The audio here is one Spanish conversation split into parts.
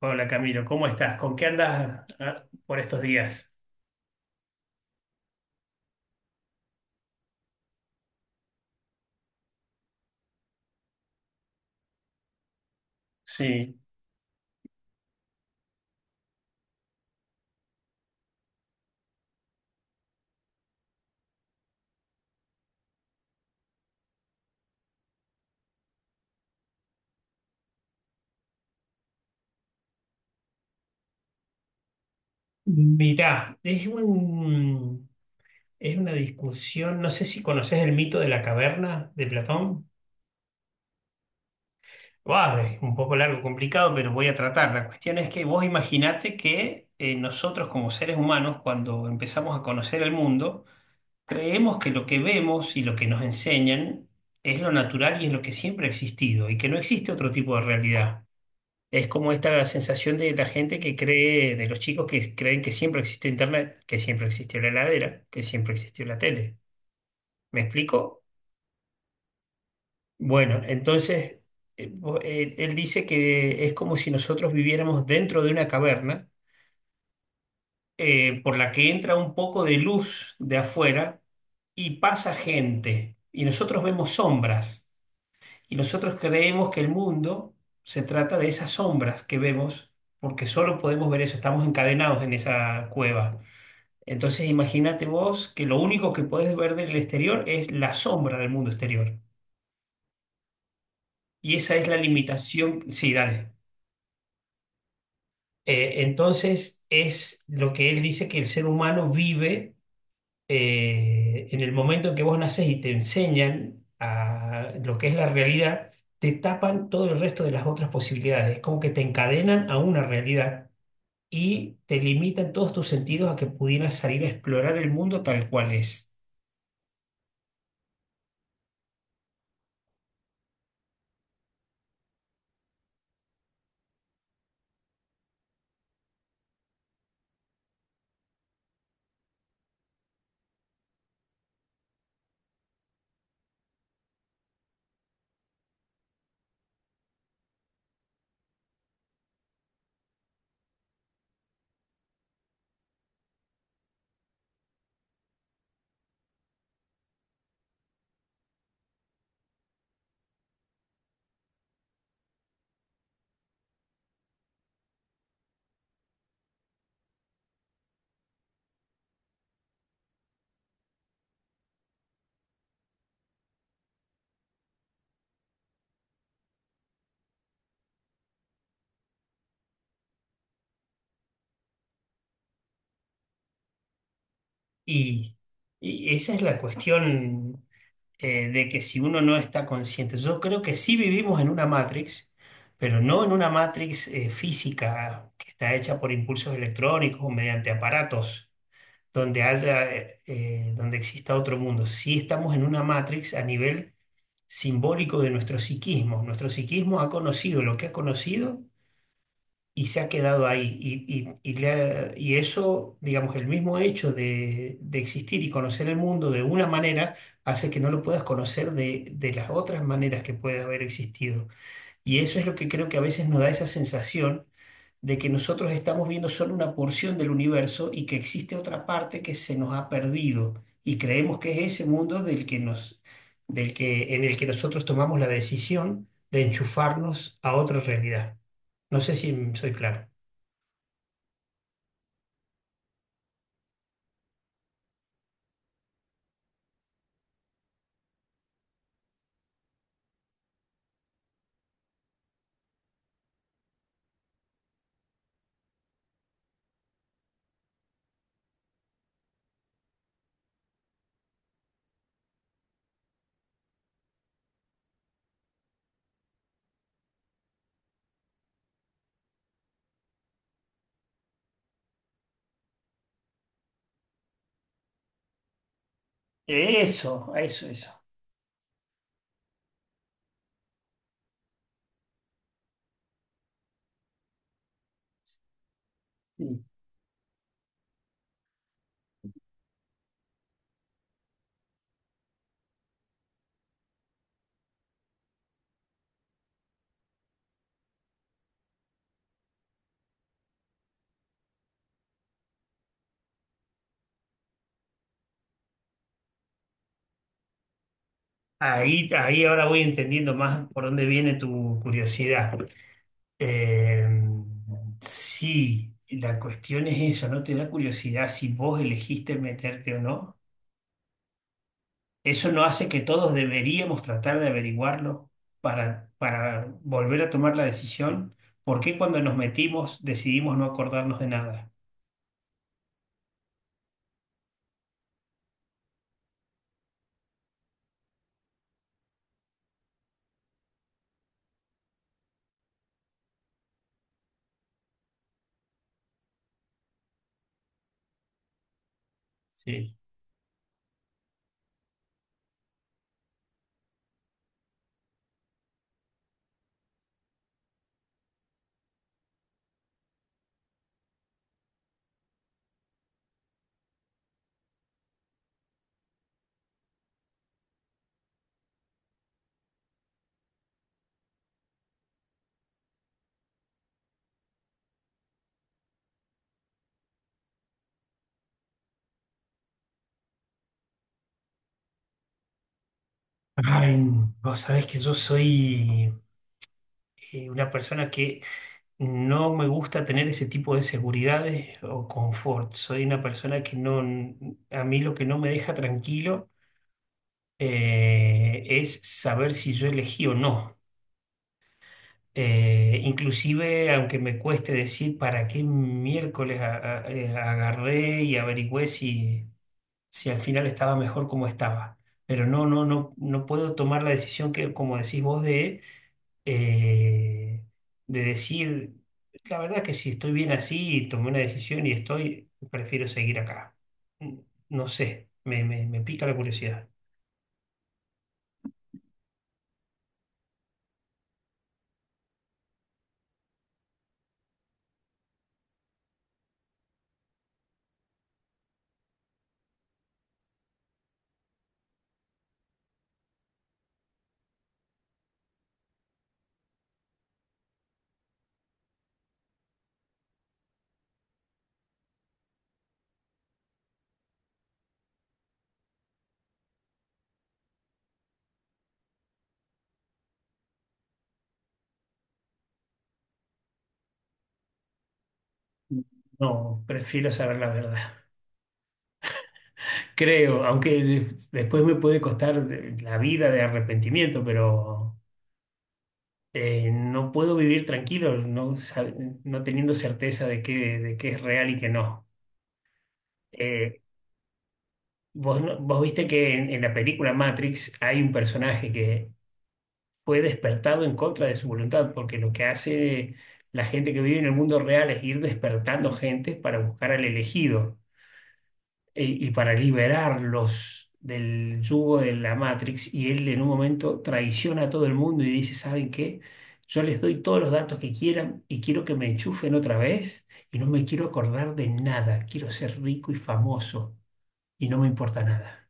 Hola Camilo, ¿cómo estás? ¿Con qué andas por estos días? Sí. Mirá, es una discusión, no sé si conoces el mito de la caverna de Platón. Buah, es un poco largo, complicado, pero voy a tratar. La cuestión es que vos imaginate que nosotros, como seres humanos, cuando empezamos a conocer el mundo, creemos que lo que vemos y lo que nos enseñan es lo natural y es lo que siempre ha existido y que no existe otro tipo de realidad. Es como esta sensación de la gente que cree, de los chicos que creen que siempre existió Internet, que siempre existió la heladera, que siempre existió la tele. ¿Me explico? Bueno, entonces él dice que es como si nosotros viviéramos dentro de una caverna, por la que entra un poco de luz de afuera y pasa gente y nosotros vemos sombras. Y nosotros creemos que el mundo se trata de esas sombras que vemos, porque solo podemos ver eso, estamos encadenados en esa cueva. Entonces imagínate vos que lo único que podés ver del exterior es la sombra del mundo exterior. Y esa es la limitación. Sí, dale. Entonces es lo que él dice, que el ser humano vive en el momento en que vos nacés y te enseñan a lo que es la realidad, te tapan todo el resto de las otras posibilidades. Es como que te encadenan a una realidad y te limitan todos tus sentidos a que pudieras salir a explorar el mundo tal cual es. Y, y esa es la cuestión, de que si uno no está consciente, yo creo que sí vivimos en una Matrix. Pero no en una Matrix física que está hecha por impulsos electrónicos o mediante aparatos donde haya, donde exista otro mundo. Sí estamos en una Matrix a nivel simbólico de nuestro psiquismo. Nuestro psiquismo ha conocido lo que ha conocido y se ha quedado ahí. Y eso, digamos, el mismo hecho de existir y conocer el mundo de una manera hace que no lo puedas conocer de las otras maneras que puede haber existido. Y eso es lo que creo que a veces nos da esa sensación de que nosotros estamos viendo solo una porción del universo y que existe otra parte que se nos ha perdido y creemos que es ese mundo del que, en el que nosotros tomamos la decisión de enchufarnos a otra realidad. No sé si soy claro. Eso, eso, eso. Sí. Ahí, ahí ahora voy entendiendo más por dónde viene tu curiosidad. Eh, sí, la cuestión es eso, ¿no te da curiosidad si vos elegiste meterte o no? Eso no hace que todos deberíamos tratar de averiguarlo para volver a tomar la decisión. ¿Por qué cuando nos metimos decidimos no acordarnos de nada? Sí. Ay, vos sabés que yo soy una persona que no me gusta tener ese tipo de seguridades o confort. Soy una persona que no, a mí lo que no me deja tranquilo, es saber si yo elegí o no. Inclusive, aunque me cueste decir para qué miércoles agarré y averigüé si, si al final estaba mejor como estaba. Pero no, no, no, no puedo tomar la decisión que, como decís vos, eh, de decir, la verdad que si estoy bien así y tomé una decisión y estoy, prefiero seguir acá. No sé, me pica la curiosidad. No, prefiero saber la verdad. Creo, aunque después me puede costar la vida de arrepentimiento, pero no puedo vivir tranquilo, no, no teniendo certeza de que es real y que no. Eh, Vos, vos viste que en la película Matrix hay un personaje que fue despertado en contra de su voluntad, porque lo que hace la gente que vive en el mundo real es ir despertando gente para buscar al elegido, y para liberarlos del yugo de la Matrix. Y él en un momento traiciona a todo el mundo y dice, ¿saben qué? Yo les doy todos los datos que quieran y quiero que me enchufen otra vez y no me quiero acordar de nada. Quiero ser rico y famoso y no me importa nada.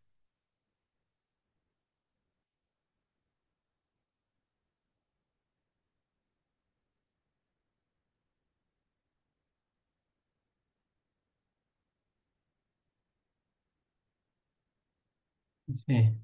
Sí.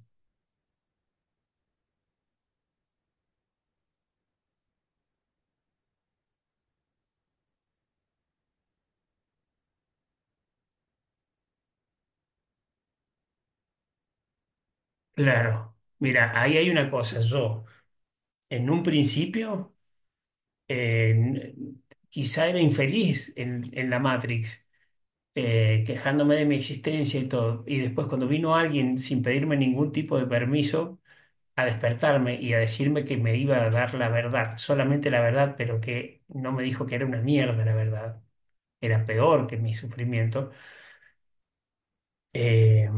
Claro. Mira, ahí hay una cosa. Yo, en un principio, eh, n- quizá era infeliz en la Matrix, quejándome de mi existencia y todo. Y después cuando vino alguien sin pedirme ningún tipo de permiso a despertarme y a decirme que me iba a dar la verdad, solamente la verdad, pero que no me dijo que era una mierda la verdad, era peor que mi sufrimiento, eh,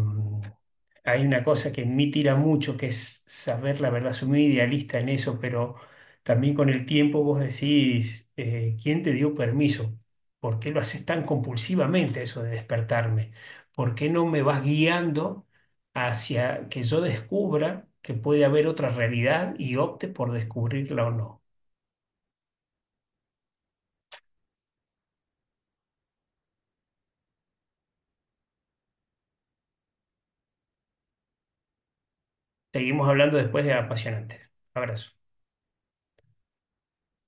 hay una cosa que en mí tira mucho, que es saber la verdad. Soy muy idealista en eso, pero también con el tiempo vos decís, ¿quién te dio permiso? ¿Por qué lo haces tan compulsivamente eso de despertarme? ¿Por qué no me vas guiando hacia que yo descubra que puede haber otra realidad y opte por descubrirla o no? Seguimos hablando después de apasionantes. Abrazo.